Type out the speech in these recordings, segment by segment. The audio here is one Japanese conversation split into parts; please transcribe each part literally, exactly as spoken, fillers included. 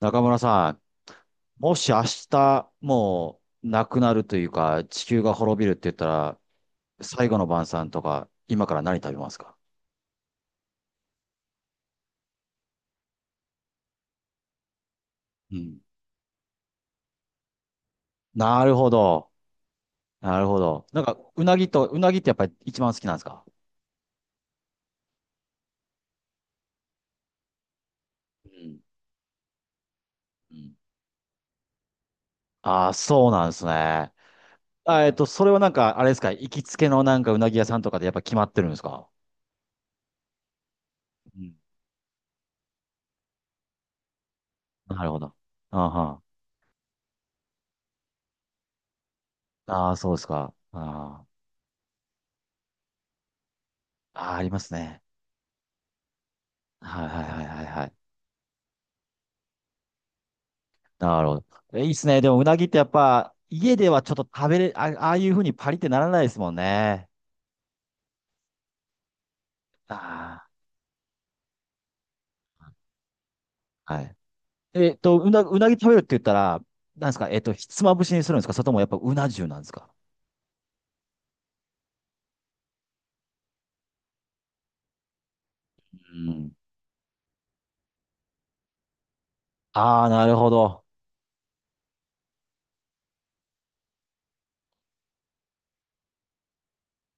中村さん、もし明日、もう、なくなるというか、地球が滅びるって言ったら、最後の晩餐とか、今から何食べますか？うん。なるほど。なるほど。なんか、うなぎと、うなぎってやっぱり一番好きなんですか？うん。うん。ああ、そうなんですね。あ、えっと、それはなんか、あれですか、行きつけのなんかうなぎ屋さんとかでやっぱ決まってるんですか？うん。なるほど。あーはん。あー、そうですか。あー。あー、ありますね。はいはいはいはいはい。なるほど。え、いいっすね。でも、うなぎってやっぱ、家ではちょっと食べれ、あ、ああいうふうにパリってならないですもんね。ああ、はい。えっと、うな、うなぎ食べるって言ったら、なんですか、えっと、ひつまぶしにするんですか？それともやっぱうな重なんですか？うん。ああ、なるほど。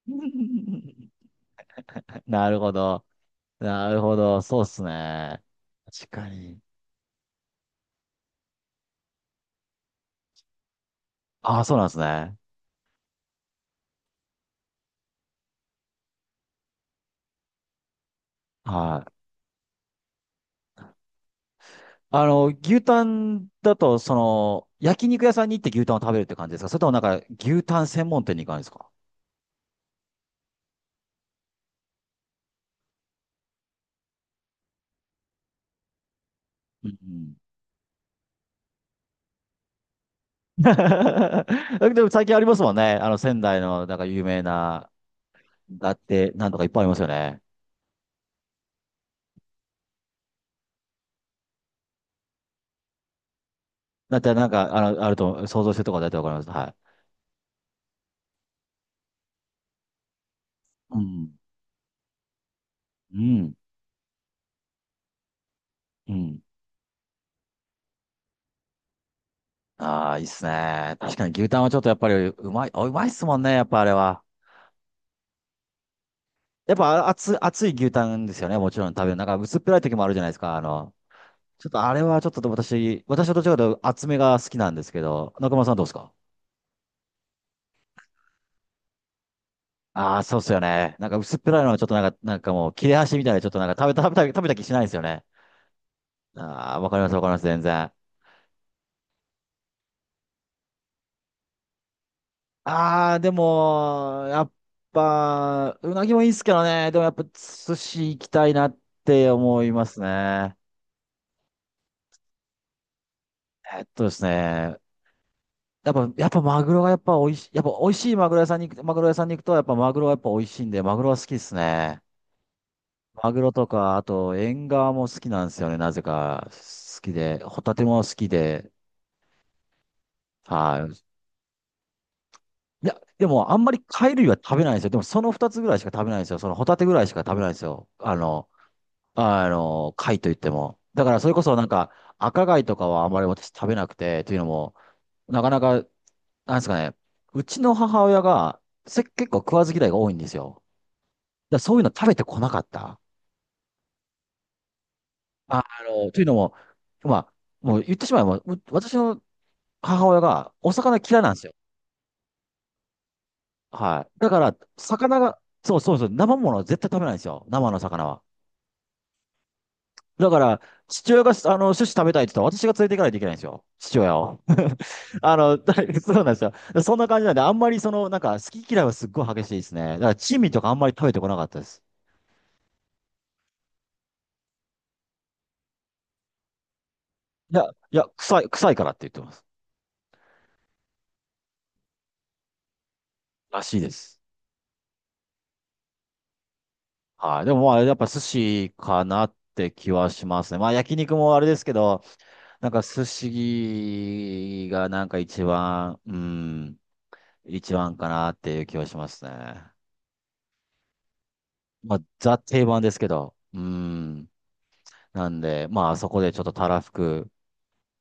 なるほど。なるほど。そうっすね。確かに。ああ、そうなんですね。はい。あの、牛タンだと、その、焼肉屋さんに行って牛タンを食べるって感じですか？それともなんか、牛タン専門店に行かないですか？うん。 でも最近ありますもんね。あの、仙台の、なんか有名な、だって、なんとかいっぱいありますよね。だって、なんか、あの、あると、想像してるとこだってわかります。はい。うん。うん。うん。ああ、いいっすね。確かに牛タンはちょっとやっぱりうまい、あうまいっすもんね、やっぱあれは。やっぱあ熱、熱い牛タンですよね、もちろん食べる。なんか薄っぺらい時もあるじゃないですか。あの、ちょっとあれはちょっと私、私はどちらかというと厚めが好きなんですけど、中村さんどうですか？ああ、そうっすよね。なんか薄っぺらいのはちょっとなんか、なんかもう切れ端みたいでちょっとなんか食べた、食べた、食べた気しないですよね。ああ、わかります、わかります、全然。ああ、でも、やっぱ、うなぎもいいっすけどね。でもやっぱ寿司行きたいなって思いますね。えっとですね。やっぱ、やっぱマグロがやっぱ美味しい、やっぱ美味しいマグロ屋さんに行く、マグロ屋さんに行くとやっぱマグロはやっぱ美味しいんで、マグロは好きですね。マグロとか、あと、縁側も好きなんですよね、なぜか。好きで、ホタテも好きで、はい。いや、でもあんまり貝類は食べないんですよ。でもその二つぐらいしか食べないんですよ。そのホタテぐらいしか食べないんですよ。あの、あの、貝といっても。だからそれこそなんか赤貝とかはあんまり私食べなくて、というのも、なかなか、なんですかね、うちの母親がせ結構食わず嫌いが多いんですよ。だからそういうの食べてこなかった。あの、というのも、まあ、もう言ってしまえば、う私の母親がお魚嫌いなんですよ。はい。だから、魚が、そうそうそう、生ものは絶対食べないんですよ。生の魚は。だから、父親が、あの、寿司食べたいって言ったら、私が連れていかないといけないんですよ。父親を。あの、だいそうなんですよ。そんな感じなんで、あんまりその、なんか、好き嫌いはすっごい激しいですね。だから、珍味とかあんまり食べてこなかったです。いや、いや、臭い、臭いからって言ってます。らしいです。はい。でもまあ、やっぱ寿司かなって気はしますね。まあ、焼肉もあれですけど、なんか寿司がなんか一番、うん、一番かなっていう気はしますね。まあ、ザ定番ですけど、うん。なんで、まあ、そこでちょっとたらふく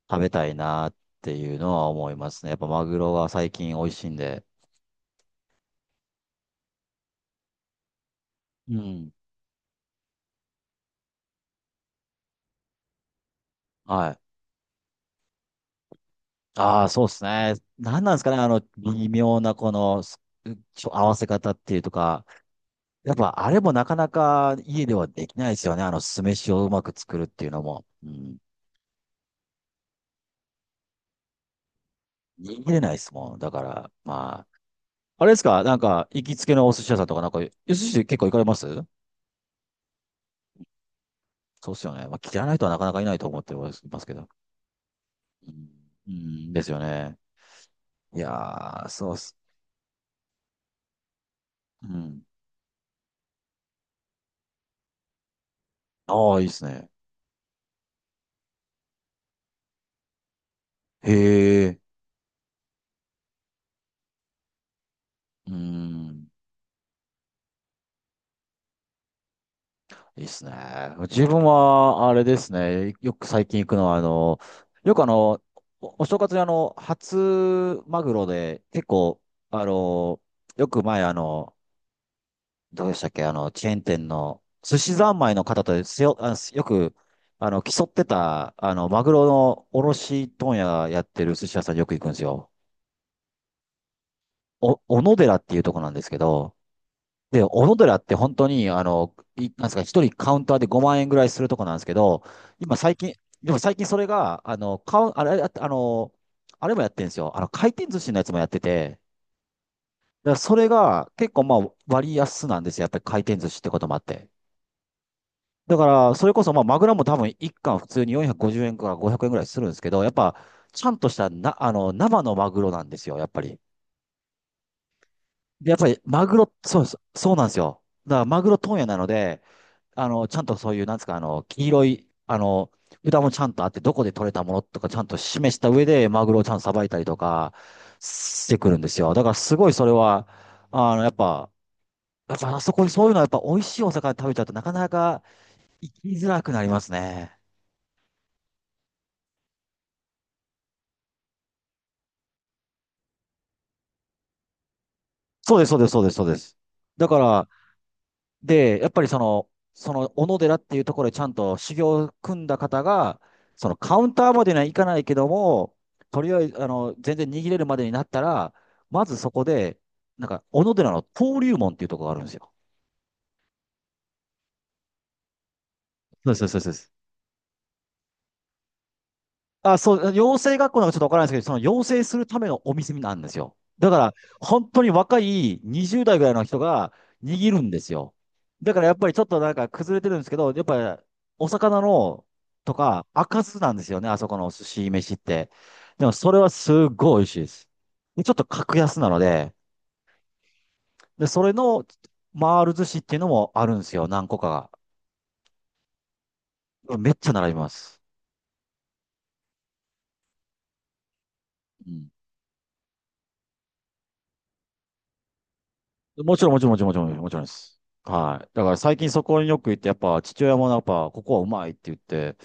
食べたいなっていうのは思いますね。やっぱマグロが最近美味しいんで。うん。はい。ああ、そうですね。なんなんですかね、あの、微妙なこの、すちょ合わせ方っていうとか、やっぱあれもなかなか家ではできないですよね。あの酢飯をうまく作るっていうのも。うん。握れないですもん。だから、まあ。あれですかなんか、行きつけのお寿司屋さんとか、なんか、お寿司結構行かれます？そうっすよね。まあ、嫌いな人はなかなかいないと思ってますけど。うん、うんですよね。いやー、そうっす。うん。ああ、いいっすね。へえ。うん。いいっすね。自分は、あれですね。よく最近行くのは、あの、よくあの、お、お正月にあの、初マグロで、結構、あの、よく前あの、どうでしたっけ、あの、チェーン店の、寿司三昧の方とですよ、あの、よく、あの、競ってた、あの、マグロの卸問屋やってる寿司屋さんによく行くんですよ。お、小野寺っていうとこなんですけど、で、小野寺って本当に、あの、い、なんですか、一人カウンターでごまん円ぐらいするとこなんですけど、今最近、でも最近それが、あの、カウン、あれ、ああの、あれもやってるんですよ。あの、回転寿司のやつもやってて、だからそれが結構まあ割安なんですよ。やっぱり回転寿司ってこともあって。だから、それこそまあマグロも多分一貫普通によんひゃくごじゅうえんからごひゃくえんぐらいするんですけど、やっぱ、ちゃんとしたな、あの、生のマグロなんですよ、やっぱり。でやっぱりマグロ、そうです。そうなんですよ。だからマグロ問屋なので、あの、ちゃんとそういう、なんですか、あの、黄色い、あの、札もちゃんとあって、どこで取れたものとかちゃんと示した上で、マグロをちゃんとさばいたりとかしてくるんですよ。だからすごいそれは、あの、やっぱ、やっぱあそこにそういうのはやっぱ美味しいお魚食べちゃうとなかなか行きづらくなりますね。そうです、そうです、そうです、そうです。だから、で、やっぱりその、その小野寺っていうところでちゃんと修行を組んだ方が、そのカウンターまでにはいかないけども、とりあえず、あの、全然握れるまでになったら、まずそこで、なんか、小野寺の登竜門っていうところがあるんですよ。そうです、そうです。あ、そう、養成学校なんかちょっとわからないですけど、その養成するためのお店なんですよ。だから、本当に若いにじゅう代ぐらいの人が握るんですよ。だからやっぱりちょっとなんか崩れてるんですけど、やっぱりお魚のとか赤酢なんですよね、あそこの寿司飯って。でもそれはすっごい美味しいです。で、ちょっと格安なので、で、それの回る寿司っていうのもあるんですよ、何個かが。めっちゃ並びます。うん。もちろん、もちろん、もちろん、もちろん、もちろんです。はい。だから最近そこによく行って、やっぱ父親もやっぱ、ここはうまいって言って、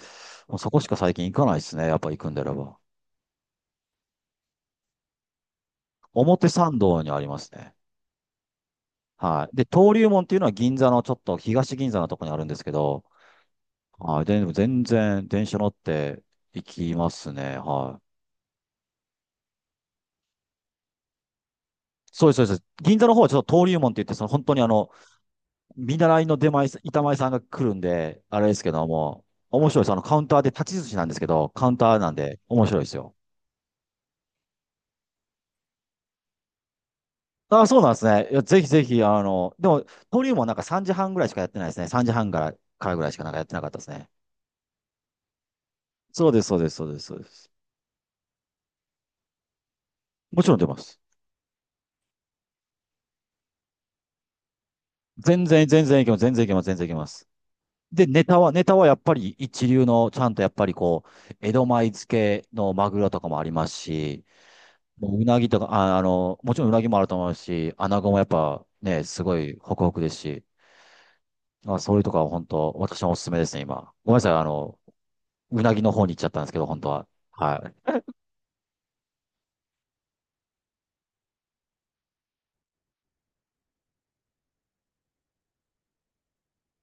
もうそこしか最近行かないですね。やっぱ行くんであれば。表参道にありますね。はい。で、登竜門っていうのは銀座のちょっと東銀座のとこにあるんですけど、はい。で、でも全然電車乗って行きますね。はい。そうです、そうです。銀座の方はちょっと登竜門って言って、その本当にあの、見習いの出前さ、板前さんが来るんで、あれですけども、面白いです。あの、カウンターで、立ち寿司なんですけど、カウンターなんで、面白いですよ。あ、そうなんですね。いや、ぜひぜひ、あの、でも、登竜門なんかさんじはんぐらいしかやってないですね。3時半から、からぐらいしかなんかやってなかったですね。そうです、そうです、そうです、そうです。もちろん出ます。全然、全然いけます、全然いけます、全然いけます。で、ネタは、ネタはやっぱり一流の、ちゃんとやっぱりこう、江戸前漬けのマグロとかもありますし、もううなぎとか、あ、あの、もちろんうなぎもあると思うし、穴子もやっぱね、すごいホクホクですし、まあ、そういうとこは本当、私のおすすめですね、今。ごめんなさい、あの、うなぎの方に行っちゃったんですけど、本当は。はい。